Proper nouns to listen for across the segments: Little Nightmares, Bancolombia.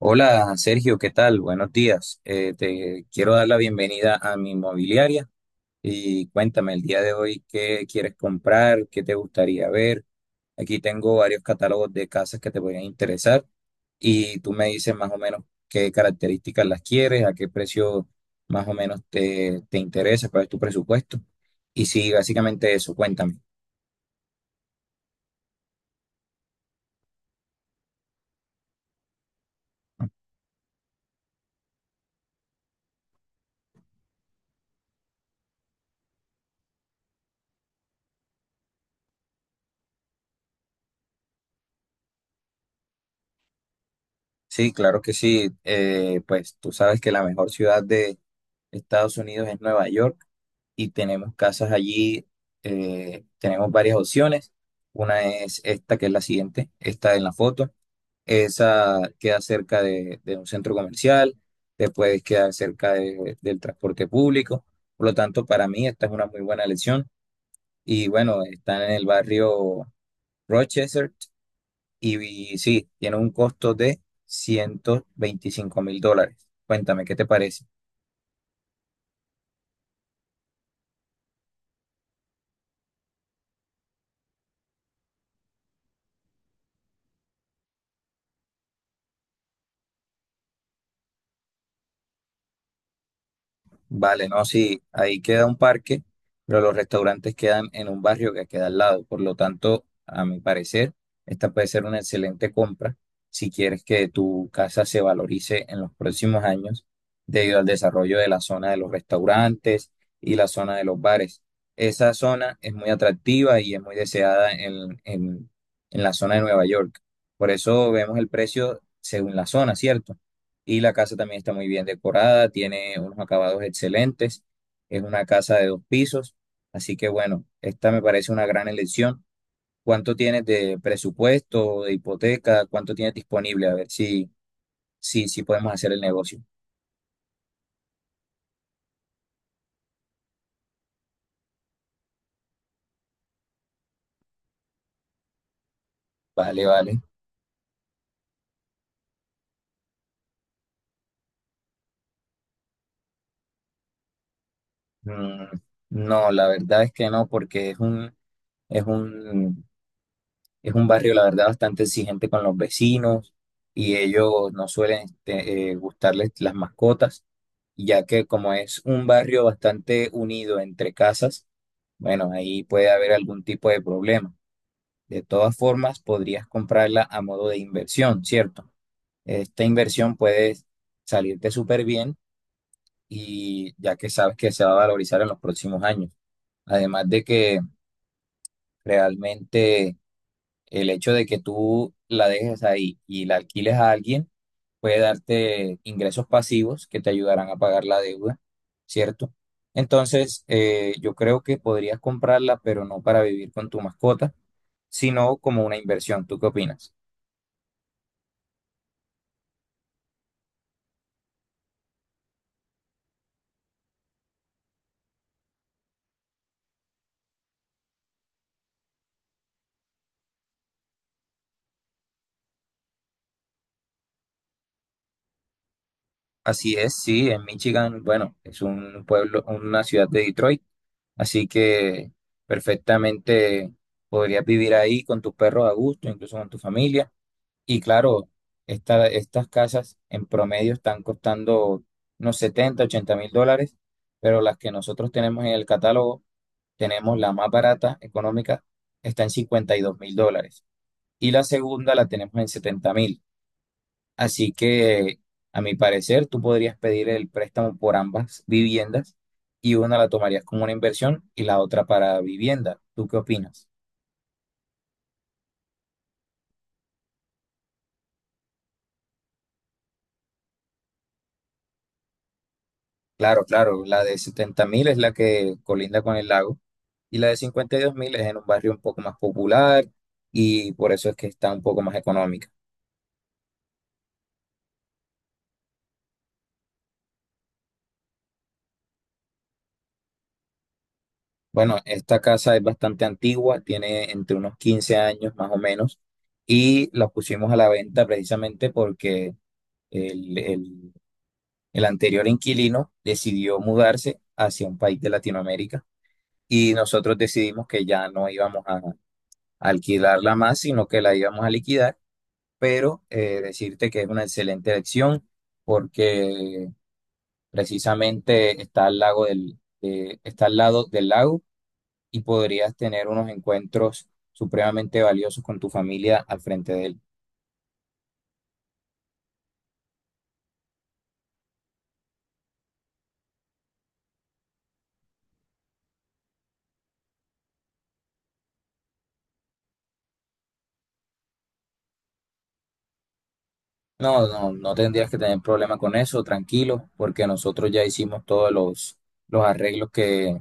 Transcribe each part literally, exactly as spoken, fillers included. Hola Sergio, ¿qué tal? Buenos días. Eh, te quiero dar la bienvenida a mi inmobiliaria y cuéntame el día de hoy qué quieres comprar, qué te gustaría ver. Aquí tengo varios catálogos de casas que te podrían interesar y tú me dices más o menos qué características las quieres, a qué precio más o menos te, te interesa, cuál es tu presupuesto. Y sí, básicamente eso, cuéntame. Sí, claro que sí. Eh, pues tú sabes que la mejor ciudad de Estados Unidos es Nueva York. Y tenemos casas allí, eh, tenemos varias opciones. Una es esta, que es la siguiente, esta en la foto. Esa queda cerca de, de un centro comercial, te puedes quedar cerca de- del transporte público. Por lo tanto, para mí esta es una muy buena elección. Y bueno, están en el barrio Rochester y, y sí, tiene un costo de ciento veinticinco mil dólares. Cuéntame, ¿qué te parece? Vale, no, sí, ahí queda un parque, pero los restaurantes quedan en un barrio que queda al lado. Por lo tanto, a mi parecer, esta puede ser una excelente compra si quieres que tu casa se valorice en los próximos años debido al desarrollo de la zona de los restaurantes y la zona de los bares. Esa zona es muy atractiva y es muy deseada en, en en la zona de Nueva York. Por eso vemos el precio según la zona, ¿cierto? Y la casa también está muy bien decorada, tiene unos acabados excelentes. Es una casa de dos pisos. Así que bueno, esta me parece una gran elección. ¿Cuánto tienes de presupuesto, de hipoteca? ¿Cuánto tienes disponible? A ver si, si, si podemos hacer el negocio. Vale, vale. Mm, no, la verdad es que no, porque es un, es un Es un barrio, la verdad, bastante exigente con los vecinos y ellos no suelen este, eh, gustarles las mascotas, ya que como es un barrio bastante unido entre casas, bueno, ahí puede haber algún tipo de problema. De todas formas, podrías comprarla a modo de inversión, ¿cierto? Esta inversión puede salirte súper bien y ya que sabes que se va a valorizar en los próximos años. Además de que realmente el hecho de que tú la dejes ahí y la alquiles a alguien puede darte ingresos pasivos que te ayudarán a pagar la deuda, ¿cierto? Entonces, eh, yo creo que podrías comprarla, pero no para vivir con tu mascota, sino como una inversión. ¿Tú qué opinas? Así es, sí, en Michigan, bueno, es un pueblo, una ciudad de Detroit, así que perfectamente podrías vivir ahí con tus perros a gusto, incluso con tu familia. Y claro, esta- estas casas en promedio están costando unos setenta ochenta mil dólares, pero las que nosotros tenemos en el catálogo, tenemos la más barata, económica, está en cincuenta y dos mil dólares. Y la segunda la tenemos en setenta mil. Así que, a mi parecer, tú podrías pedir el préstamo por ambas viviendas y una la tomarías como una inversión y la otra para vivienda. ¿Tú qué opinas? Claro, claro, la de setenta mil es la que colinda con el lago. Y la de cincuenta y dos mil es en un barrio un poco más popular y por eso es que está un poco más económica. Bueno, esta casa es bastante antigua, tiene entre unos quince años más o menos y la pusimos a la venta precisamente porque el, el- el anterior inquilino decidió mudarse hacia un país de Latinoamérica y nosotros decidimos que ya no íbamos a, a alquilarla más, sino que la íbamos a liquidar, pero eh, decirte que es una excelente elección porque precisamente está al lago del, de- está al lado del lago y podrías tener unos encuentros supremamente valiosos con tu familia al frente de él. No, no, no tendrías que tener problema con eso, tranquilo, porque nosotros ya hicimos todos los, los arreglos que,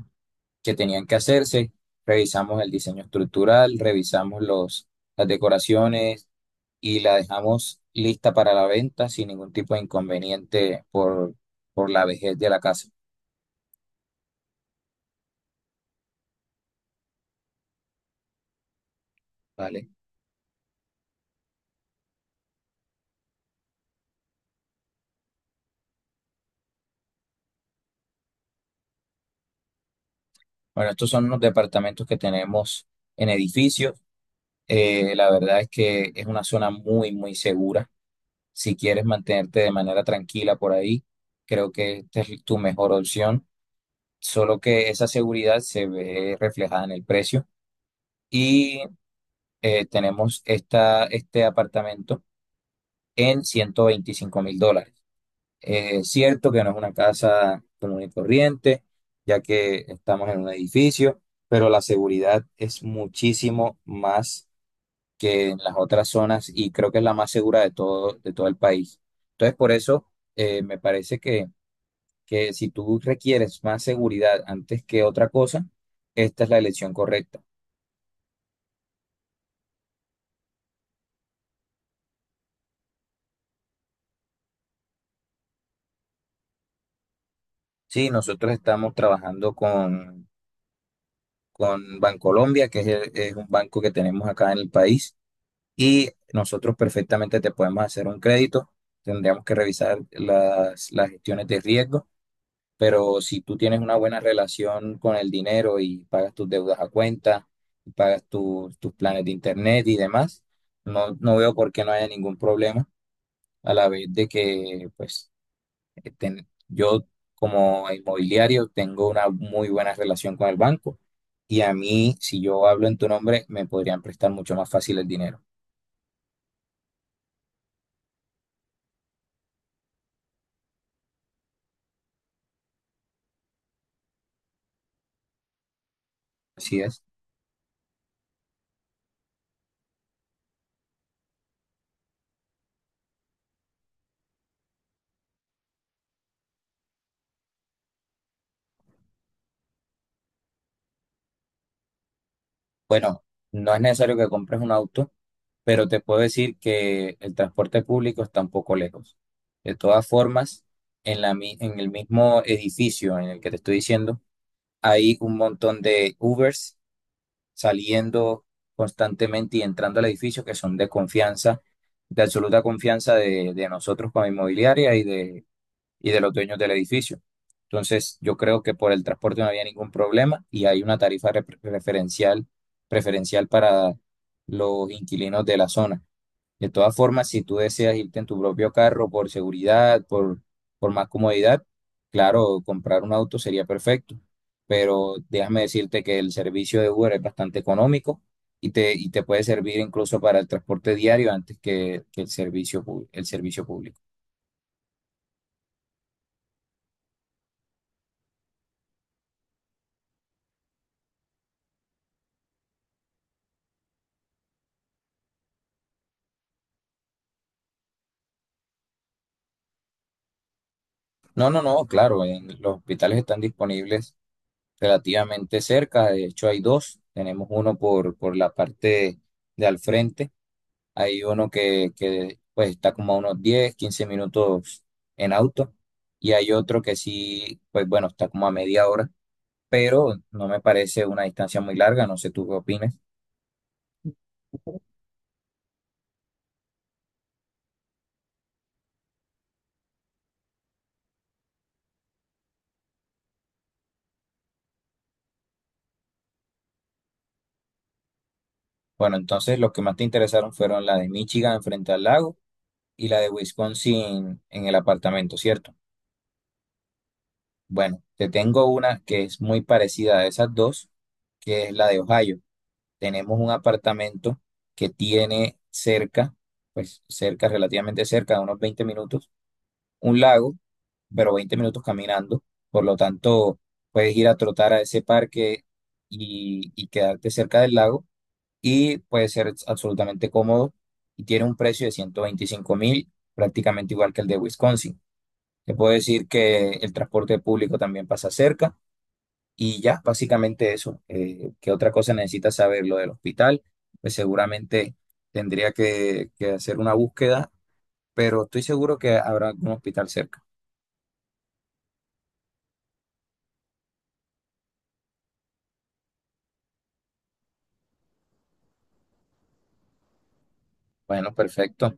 que tenían que hacerse. Revisamos el diseño estructural, revisamos los, las decoraciones y la dejamos lista para la venta sin ningún tipo de inconveniente por, por la vejez de la casa, ¿vale? Bueno, estos son los departamentos que tenemos en edificios. Eh, la verdad es que es una zona muy, muy segura. Si quieres mantenerte de manera tranquila por ahí, creo que esta es tu mejor opción. Solo que esa seguridad se ve reflejada en el precio. Y eh, tenemos esta, este apartamento en ciento veinticinco mil dólares. Eh, es cierto que no es una casa común y corriente, ya que estamos en un edificio, pero la seguridad es muchísimo más que en las otras zonas y creo que es la más segura de todo, de todo el país. Entonces, por eso eh, me parece que, que, si tú requieres más seguridad antes que otra cosa, esta es la elección correcta. Sí, nosotros estamos trabajando con, con Bancolombia, que es el- es un banco que tenemos acá en el país y nosotros perfectamente te podemos hacer un crédito. Tendríamos que revisar las, las gestiones de riesgo, pero si tú tienes una buena relación con el dinero y pagas tus deudas a cuenta, y pagas tus tus planes de internet y demás, no, no veo por qué no haya ningún problema a la vez de que, pues, ten- yo como inmobiliario tengo una muy buena relación con el banco. Y a mí, si yo hablo en tu nombre, me podrían prestar mucho más fácil el dinero. Así es. Bueno, no es necesario que compres un auto, pero te puedo decir que el transporte público está un poco lejos. De todas formas, en la, mi- en el mismo edificio en el que te estoy diciendo, hay un montón de Ubers saliendo constantemente y entrando al edificio que son de confianza, de absoluta confianza de, de nosotros como inmobiliaria y de y de los dueños del edificio. Entonces, yo creo que por el transporte no había ningún problema y hay una tarifa re- referencial, preferencial para los inquilinos de la zona. De todas formas, si tú deseas irte en tu propio carro por seguridad, por, por más comodidad, claro, comprar un auto sería perfecto, pero déjame decirte que el servicio de Uber es bastante económico y te, y te puede servir incluso para el transporte diario antes que, que el servicio, pub- el servicio público. No, no, no, claro, en- los hospitales están disponibles relativamente cerca, de hecho hay dos, tenemos uno por, por la parte de al frente, hay uno que, que pues está como a unos diez, quince minutos en auto y hay otro que sí, pues bueno, está como a media hora, pero no me parece una distancia muy larga, no sé tú qué opinas. Bueno, entonces los que más te interesaron fueron la de Michigan frente al lago y la de Wisconsin en el apartamento, ¿cierto? Bueno, te tengo una que es muy parecida a esas dos, que es la de Ohio. Tenemos un apartamento que tiene cerca, pues cerca, relativamente cerca, de unos veinte minutos, un lago, pero veinte minutos caminando. Por lo tanto, puedes ir a trotar a ese parque y, y quedarte cerca del lago y puede ser absolutamente cómodo y tiene un precio de ciento veinticinco mil, prácticamente igual que el de Wisconsin. Te puedo decir que el transporte público también pasa cerca y ya, básicamente eso. Eh, ¿qué otra cosa necesitas saber? Lo del hospital, pues seguramente tendría que, que hacer una búsqueda, pero estoy seguro que habrá algún hospital cerca. Bueno, perfecto.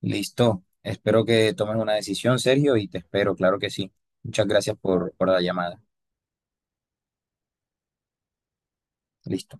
Listo. Espero que tomes una decisión, Sergio, y te espero, claro que sí. Muchas gracias por, por la llamada. Listo.